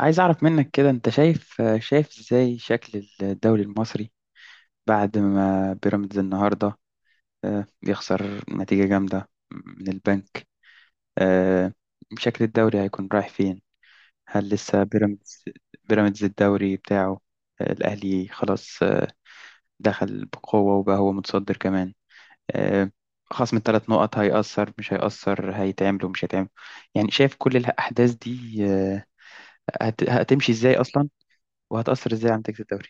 عايز أعرف منك كده أنت شايف إزاي شكل الدوري المصري بعد ما بيراميدز النهاردة، يخسر نتيجة جامدة من البنك. آه، شكل الدوري هيكون رايح فين؟ هل لسه بيراميدز الدوري بتاعه؟ الأهلي خلاص، دخل بقوة وبقى هو متصدر كمان. آه، خصم الثلاث نقط هيأثر مش هيأثر، هيتعمل ومش هيتعمل، يعني شايف كل الأحداث دي هتمشي إزاي أصلا، وهتأثر إزاي على نتيجة الدوري؟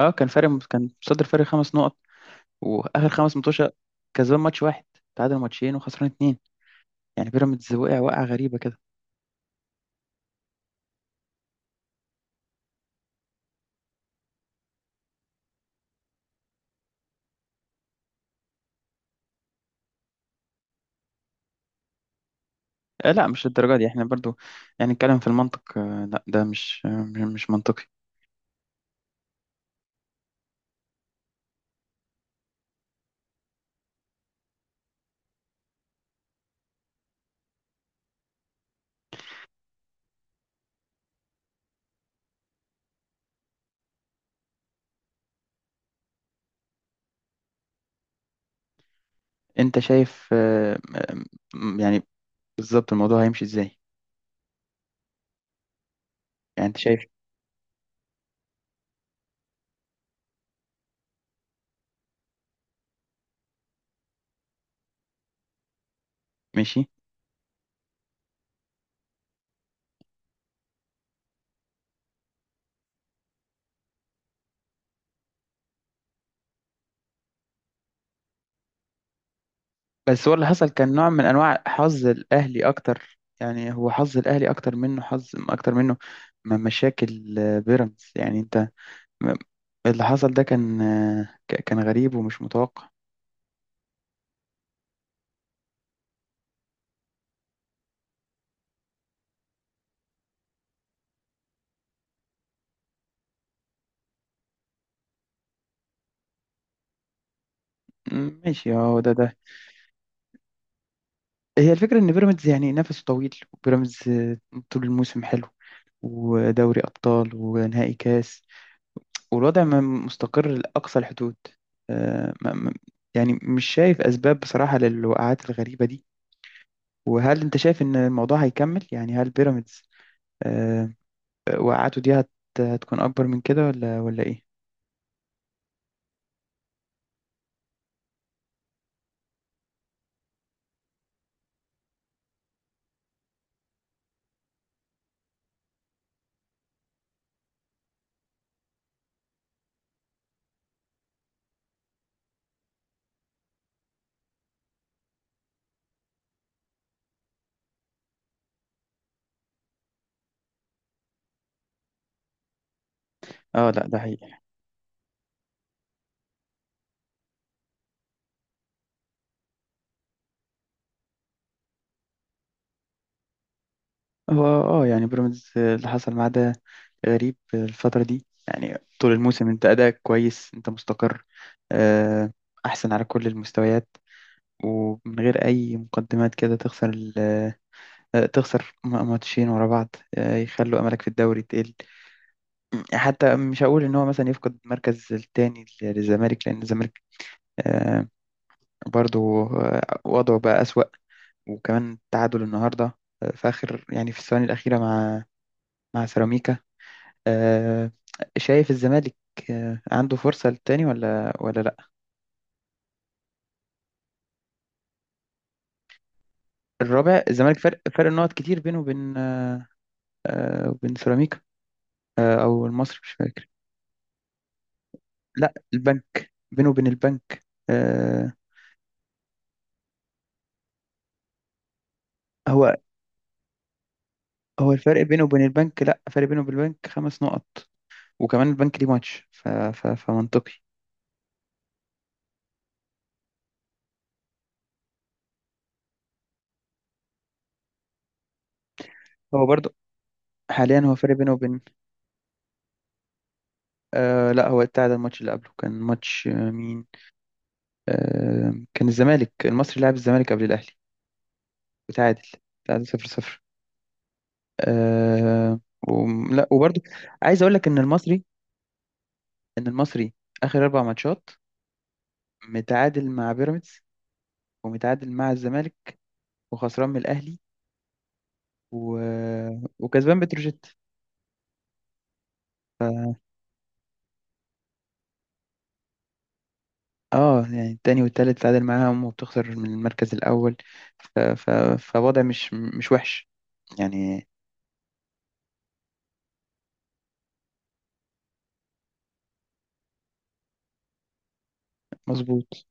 اه، كان فارق، كان متصدر فرق خمس نقط، واخر خمس ماتشات كسبان ماتش واحد، تعادل ماتشين وخسران اتنين. يعني بيراميدز وقع وقعه غريبه كده. آه لا، مش الدرجه دي، احنا برضو يعني نتكلم في المنطق. آه لا، ده مش مش منطقي. انت شايف، يعني بالظبط الموضوع هيمشي ازاي؟ يعني انت شايف؟ ماشي. بس هو اللي حصل كان نوع من انواع حظ الاهلي اكتر، يعني هو حظ الاهلي اكتر منه، حظ اكتر منه. مشاكل بيراميدز يعني انت، م- اللي حصل ده كان كان غريب ومش متوقع. ماشي. هو ده. هي الفكرة إن بيراميدز يعني نفسه طويل، وبيراميدز طول الموسم حلو، ودوري أبطال ونهائي كاس، والوضع ما مستقر لأقصى الحدود. آه، ما- ما- يعني مش شايف أسباب بصراحة للوقعات الغريبة دي. وهل أنت شايف إن الموضوع هيكمل؟ يعني هل بيراميدز آه، وقعته دي هتكون أكبر من كده ولا إيه؟ اه لا، ده حقيقي. هو اه، يعني بيراميدز اللي حصل معاه ده غريب الفترة دي، يعني طول الموسم انت أداءك كويس، انت مستقر، آه، أحسن على كل المستويات، ومن غير أي مقدمات كده تخسر تخسر ماتشين ورا بعض، يخلوا أملك في الدوري تقل. حتى مش هقول إن هو مثلا يفقد المركز التاني للزمالك، لأن الزمالك آه، برضو وضعه بقى أسوأ، وكمان تعادل النهاردة في آخر، يعني في الثواني الأخيرة، مع سيراميكا. آه، شايف الزمالك عنده فرصة للتاني ولا لا؟ الرابع؟ الزمالك فرق نقط كتير بينه وبين، وبين سيراميكا، او المصري، مش فاكر. لا، البنك، بينه وبين البنك، آه، هو. هو الفرق بينه وبين البنك، لا، فرق بينه وبين البنك خمس نقط، وكمان البنك ليه ماتش، فمنطقي. هو برضه حاليا هو فرق بينه وبين، آه لا، هو ابتعد عن الماتش اللي قبله، كان ماتش، مين؟ آه كان الزمالك، المصري لعب الزمالك قبل الأهلي وتعادل، تعادل صفر صفر. آه و... لا وبرضه، عايز اقول لك ان المصري اخر اربع ماتشات متعادل مع بيراميدز، ومتعادل مع الزمالك، وخسران من الاهلي، و... وكسبان بتروجيت. اه، يعني التاني والتالت تعادل معاهم، وبتخسر من المركز الاول، ف... ف... فوضع مش وحش يعني. مظبوط.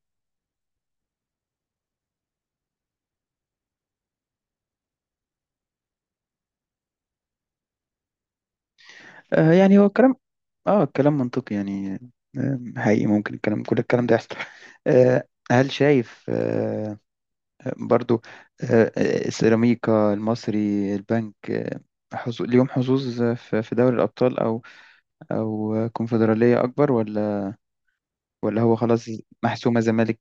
يعني هو الكلام، اه الكلام منطقي يعني، حقيقي ممكن الكلام، كل الكلام ده يحصل. هل شايف برضو السيراميكا، المصري، البنك ليهم حظوظ في دوري الأبطال، أو كونفدرالية أكبر، ولا هو خلاص محسومة زمالك؟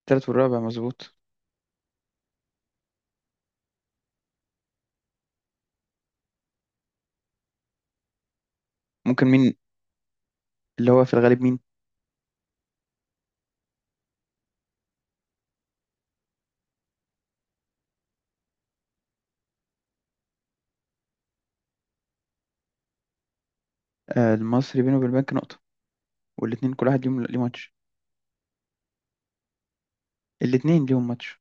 التالت والرابع، مظبوط. ممكن مين؟ اللي هو في الغالب مين؟ المصري بينه وبين البنك نقطة، والاتنين كل واحد ليهم ليه ماتش. الاتنين ليهم ماتش.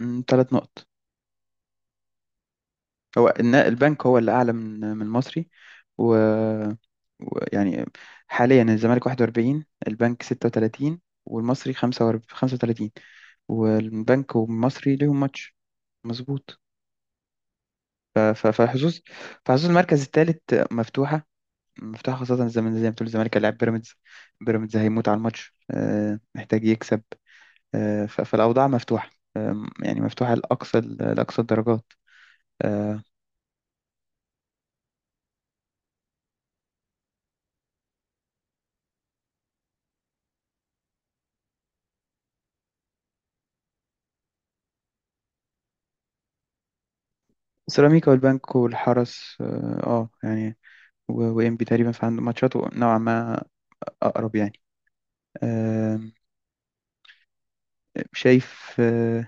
تلات نقط. هو البنك هو اللي أعلى من المصري. و ويعني حاليا الزمالك 41، البنك 36، والمصري 45، 35، والبنك والمصري ليهم ماتش. مظبوط. ف- ف- فحظوظ فحظوظ المركز الثالث مفتوحة. مفتوحة، خاصة زي ما بتقول، الزمالك هيلاعب بيراميدز، بيراميدز هيموت على الماتش، محتاج يكسب. فالأوضاع مفتوحة، يعني مفتوحة لأقصى الدرجات. آه، سيراميكا والبنك والحرس، يعني وإنبي تقريبا، فعنده ماتشاته نوعا ما أقرب يعني. آم، شايف آه،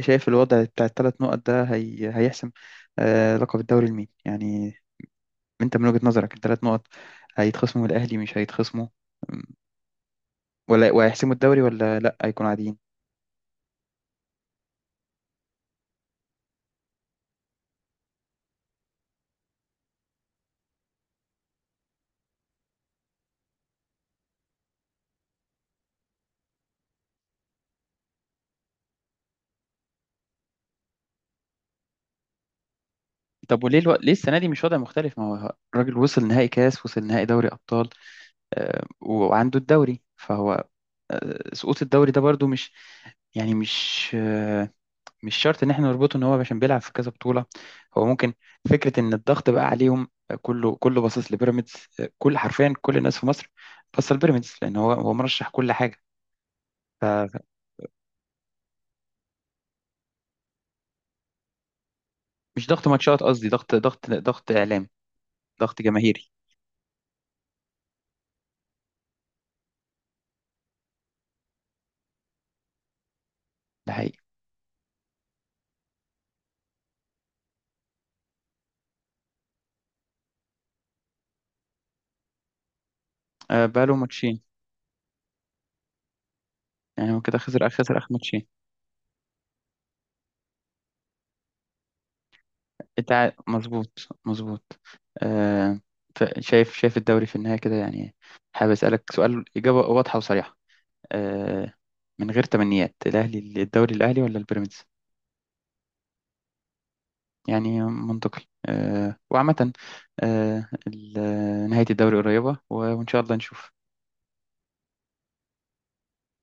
شايف الوضع بتاع الثلاث نقط ده هيحسم لقب الدوري لمين يعني؟ انت من وجهة نظرك الثلاث نقط هيتخصموا من الأهلي، مش هيتخصموا؟ أم، ولا وهيحسموا الدوري؟ ولا لا، هيكونوا عاديين؟ طب وليه ليه السنة دي مش وضع مختلف؟ ما هو الراجل وصل نهائي كاس، وصل نهائي دوري أبطال وعنده الدوري، فهو سقوط الدوري ده برضو مش، يعني مش شرط ان احنا نربطه ان هو عشان بيلعب في كذا بطولة. هو ممكن فكرة ان الضغط بقى عليهم، كله كله باصص لبيراميدز، كل، حرفيا كل الناس في مصر باصة لبيراميدز، لان هو مرشح كل حاجة، فمش، ضغط ماتشات قصدي، ضغط اعلامي، ضغط جماهيري. ده حقيقي. بقاله ماتشين، يعني هو كده خسر اخر ماتشين. انت مظبوط، مظبوط. آه، شايف الدوري في النهاية كده يعني. حابب اسألك سؤال، إجابة واضحة وصريحة، آه، من غير تمنيات، الاهلي الدوري، الاهلي ولا البيراميدز؟ يعني منطقي، وعامة نهاية الدوري قريبة، وإن شاء الله نشوف.